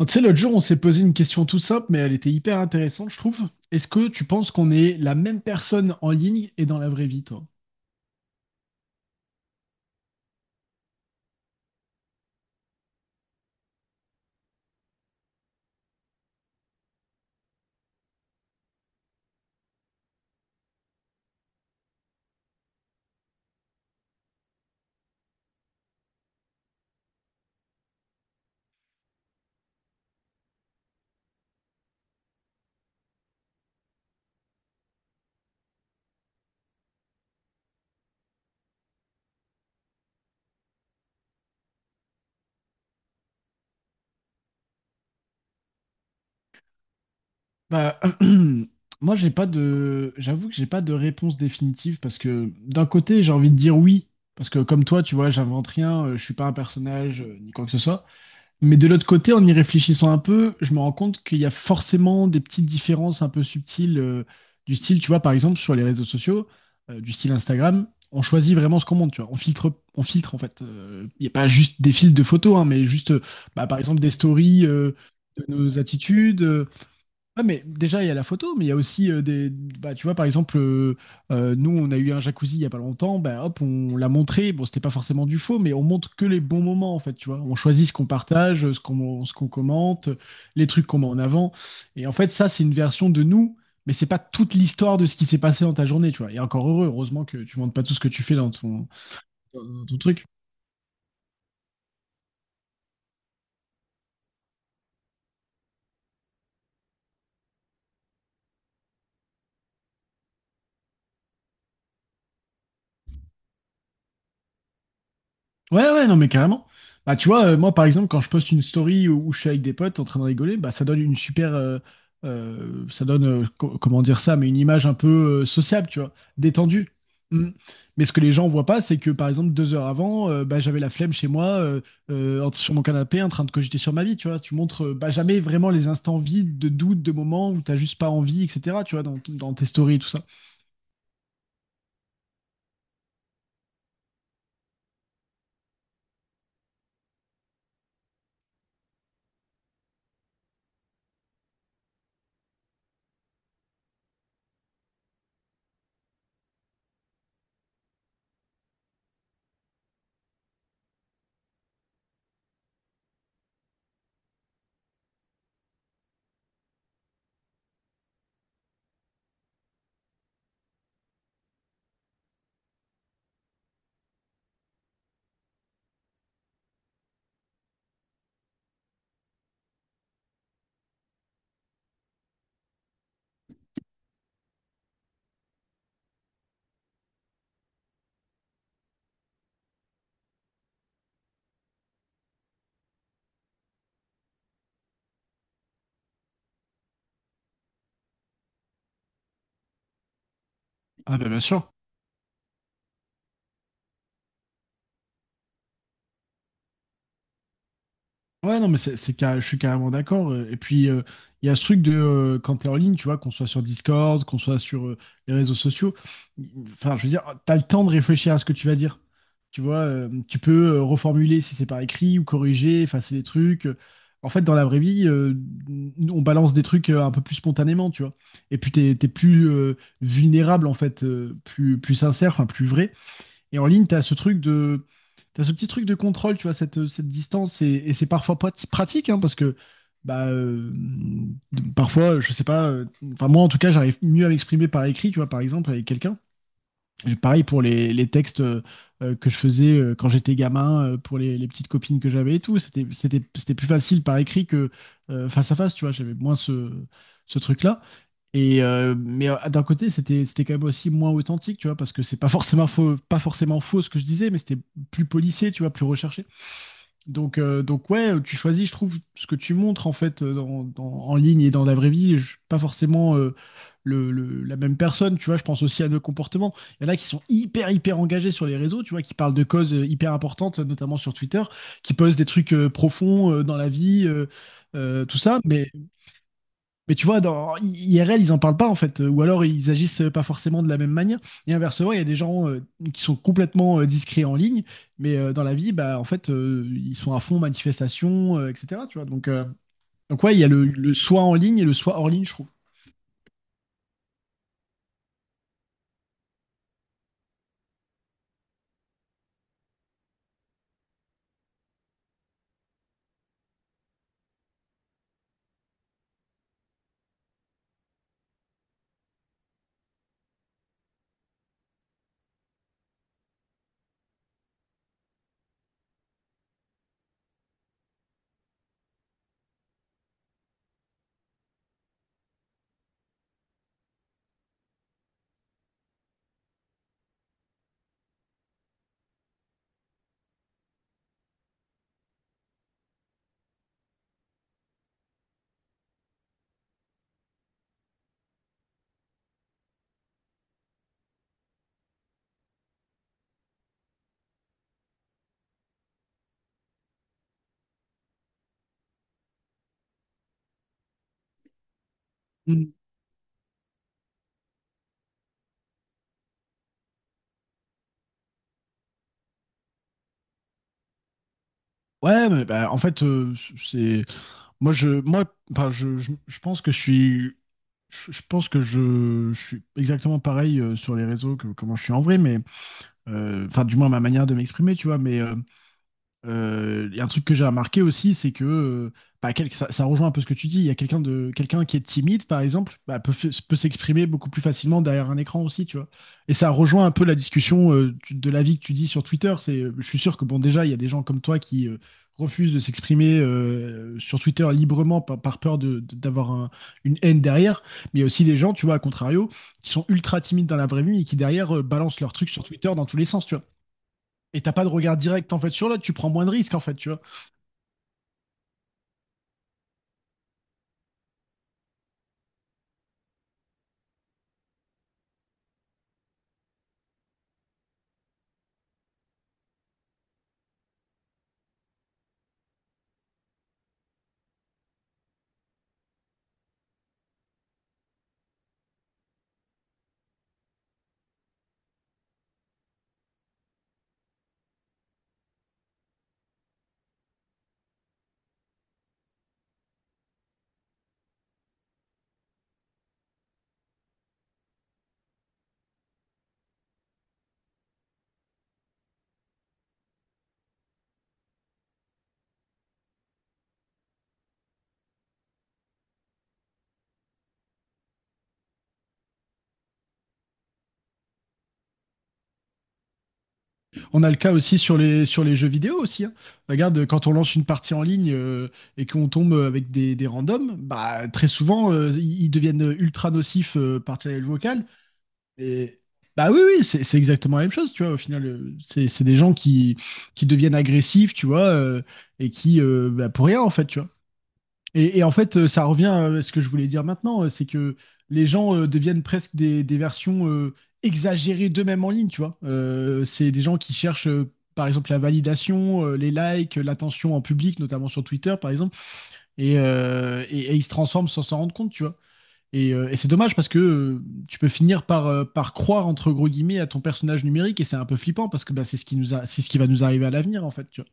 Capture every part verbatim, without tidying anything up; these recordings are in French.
Tu sais, l'autre jour, on s'est posé une question tout simple, mais elle était hyper intéressante, je trouve. Est-ce que tu penses qu'on est la même personne en ligne et dans la vraie vie, toi? Bah, moi, j'ai pas de, j'avoue que j'ai pas de réponse définitive parce que d'un côté, j'ai envie de dire oui, parce que comme toi, tu vois, j'invente rien, euh, je suis pas un personnage, euh, ni quoi que ce soit. Mais de l'autre côté, en y réfléchissant un peu, je me rends compte qu'il y a forcément des petites différences un peu subtiles euh, du style, tu vois, par exemple, sur les réseaux sociaux, euh, du style Instagram, on choisit vraiment ce qu'on monte, tu vois. On filtre, on filtre en fait. Euh, Il n'y a pas juste des filtres de photos, hein, mais juste, euh, bah, par exemple, des stories euh, de nos attitudes. euh, Ouais, mais déjà, il y a la photo, mais il y a aussi euh, des. Bah, tu vois, par exemple, euh, euh, nous, on a eu un jacuzzi il y a pas longtemps, bah, hop, on l'a montré. Bon, c'était pas forcément du faux, mais on montre que les bons moments, en fait, tu vois. On choisit ce qu'on partage, ce qu'on ce qu'on commente, les trucs qu'on met en avant. Et en fait, ça, c'est une version de nous, mais c'est pas toute l'histoire de ce qui s'est passé dans ta journée, tu vois. Et encore heureux, heureusement que tu montres pas tout ce que tu fais dans ton, dans ton truc. Ouais, ouais, non, mais carrément. Bah, tu vois, euh, moi, par exemple, quand je poste une story où, où je suis avec des potes en train de rigoler, bah, ça donne une super. Euh, euh, ça donne, euh, co- comment dire ça, mais une image un peu euh, sociable, tu vois, détendue. Mm. Mais ce que les gens voient pas, c'est que, par exemple, deux heures avant, euh, bah, j'avais la flemme chez moi, euh, euh, en- sur mon canapé, en train de cogiter sur ma vie, tu vois. Tu montres euh, bah, jamais vraiment les instants vides de doute, de moments où t'as juste pas envie, et cetera, tu vois, dans, dans tes stories et tout ça. Ah, bah, bien sûr. Ouais, non, mais c'est, c'est carré- je suis carrément d'accord. euh, Et puis, euh, il y a ce truc de euh, quand t'es en ligne, tu vois, qu'on soit sur Discord, qu'on soit sur euh, les réseaux sociaux, il- enfin, je veux dire, t'as le temps de réfléchir à ce que tu vas dire. Tu vois, euh, tu peux euh, reformuler si c'est par écrit ou corriger, effacer des trucs. euh, En fait, dans la vraie vie, euh, on balance des trucs euh, un peu plus spontanément, tu vois. Et puis, t'es, t'es plus euh, vulnérable, en fait, euh, plus, plus sincère, enfin, plus vrai. Et en ligne, tu as ce truc de, t'as ce petit truc de contrôle, tu vois, cette, cette distance, et, et c'est parfois pas pratique, hein, parce que bah, euh, de- parfois, je sais pas, euh, enfin moi en tout cas, j'arrive mieux à m'exprimer par écrit, tu vois, par exemple, avec quelqu'un. Et pareil pour les, les textes euh, euh, que je faisais euh, quand j'étais gamin, euh, pour les, les petites copines que j'avais et tout, c'était, c'était, c'était plus facile par écrit que euh, face à face, tu vois, j'avais moins ce, ce truc-là. Et euh, mais euh, d'un côté, c'était c'était quand même aussi moins authentique, tu vois, parce que c'est pas forcément faux, pas forcément faux ce que je disais, mais c'était plus policier, tu vois, plus recherché. Donc euh, donc ouais, tu choisis, je trouve, ce que tu montres en fait euh, dans- dans- en ligne et dans la vraie vie, je- pas forcément euh, le, le- la même personne, tu vois. Je pense aussi à nos comportements. Il y en a qui sont hyper hyper engagés sur les réseaux, tu vois, qui parlent de causes euh, hyper importantes, notamment sur Twitter, qui posent des trucs euh, profonds euh, dans la vie, euh, euh, tout ça, mais mais tu vois, dans I R L, ils en parlent pas en fait, ou alors ils agissent pas forcément de la même manière. Et inversement, il y a des gens euh, qui sont complètement euh, discrets en ligne, mais euh, dans la vie, bah en fait, euh, ils sont à fond manifestation, euh, et cetera. Tu vois, donc euh, donc ouais, il y a le, le soi en ligne et le soi hors ligne, je trouve. Mm. Ouais, mais bah, en fait, euh, c'est moi je moi enfin, je, je, je pense que je suis je, je pense que je, je suis exactement pareil euh, sur les réseaux que comment je suis en vrai, mais euh, enfin du moins ma manière de m'exprimer, tu vois, mais euh, Euh, et un truc que j'ai remarqué aussi, c'est que euh, bah, quel- ça, ça rejoint un peu ce que tu dis. Il y a quelqu'un de quelqu'un qui est timide, par exemple, bah, peut, f- peut s'exprimer beaucoup plus facilement derrière un écran aussi, tu vois. Et ça rejoint un peu la discussion euh, tu- de l'avis que tu dis sur Twitter. C'est, euh, je suis sûr que bon, déjà, il y a des gens comme toi qui euh, refusent de s'exprimer euh, sur Twitter librement par, par peur de, de- d'avoir un- une haine derrière. Mais il y a aussi des gens, tu vois, à contrario, qui sont ultra timides dans la vraie vie et qui derrière euh, balancent leurs trucs sur Twitter dans tous les sens, tu vois. Et t'as pas de regard direct en fait sur l'autre, tu prends moins de risques en fait, tu vois. On a le cas aussi sur les sur les jeux vidéo aussi, hein. Regarde, quand on lance une partie en ligne euh, et qu'on tombe avec des, des randoms, bah très souvent euh, ils ils deviennent ultra nocifs euh, par channel vocal. Et bah oui, oui, c'est c'est exactement la même chose, tu vois. Au final, euh, c'est c'est des gens qui qui deviennent agressifs, tu vois, euh, et qui euh, bah, pour rien en fait, tu vois. Et, et en fait, euh, ça revient à ce que je voulais dire maintenant, euh, c'est que les gens euh, deviennent presque des, des versions euh, exagérées d'eux-mêmes en ligne, tu vois. Euh, c'est des gens qui cherchent, euh, par exemple, la validation, euh, les likes, euh, l'attention en public, notamment sur Twitter, par exemple, et, euh, et- et ils se transforment sans s'en rendre compte, tu vois. Et, euh, et c'est dommage parce que euh, tu peux finir par, euh, par croire, entre gros guillemets, à ton personnage numérique, et c'est un peu flippant parce que bah, c'est ce qui nous a, c'est ce qui va nous arriver à l'avenir, en fait, tu vois.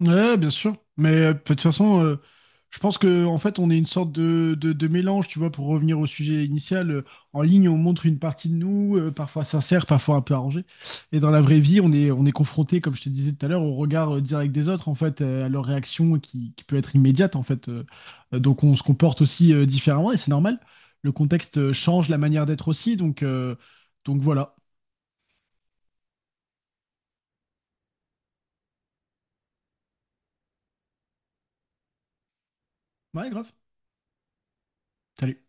Ouais, bien sûr. Mais euh, de toute façon, euh, je pense que en fait, on est une sorte de, de- de mélange, tu vois, pour revenir au sujet initial. euh, en ligne, on montre une partie de nous, euh, parfois sincère, parfois un peu arrangée. Et dans la vraie vie, on est, on est confronté, comme je te disais tout à l'heure, au regard euh, direct des autres, en fait, euh, à leur réaction qui, qui peut être immédiate, en fait. euh. Euh, donc, on se comporte aussi euh, différemment et c'est normal. Le contexte euh, change la manière d'être aussi. Donc, euh, donc voilà. Ouais, grave. Salut.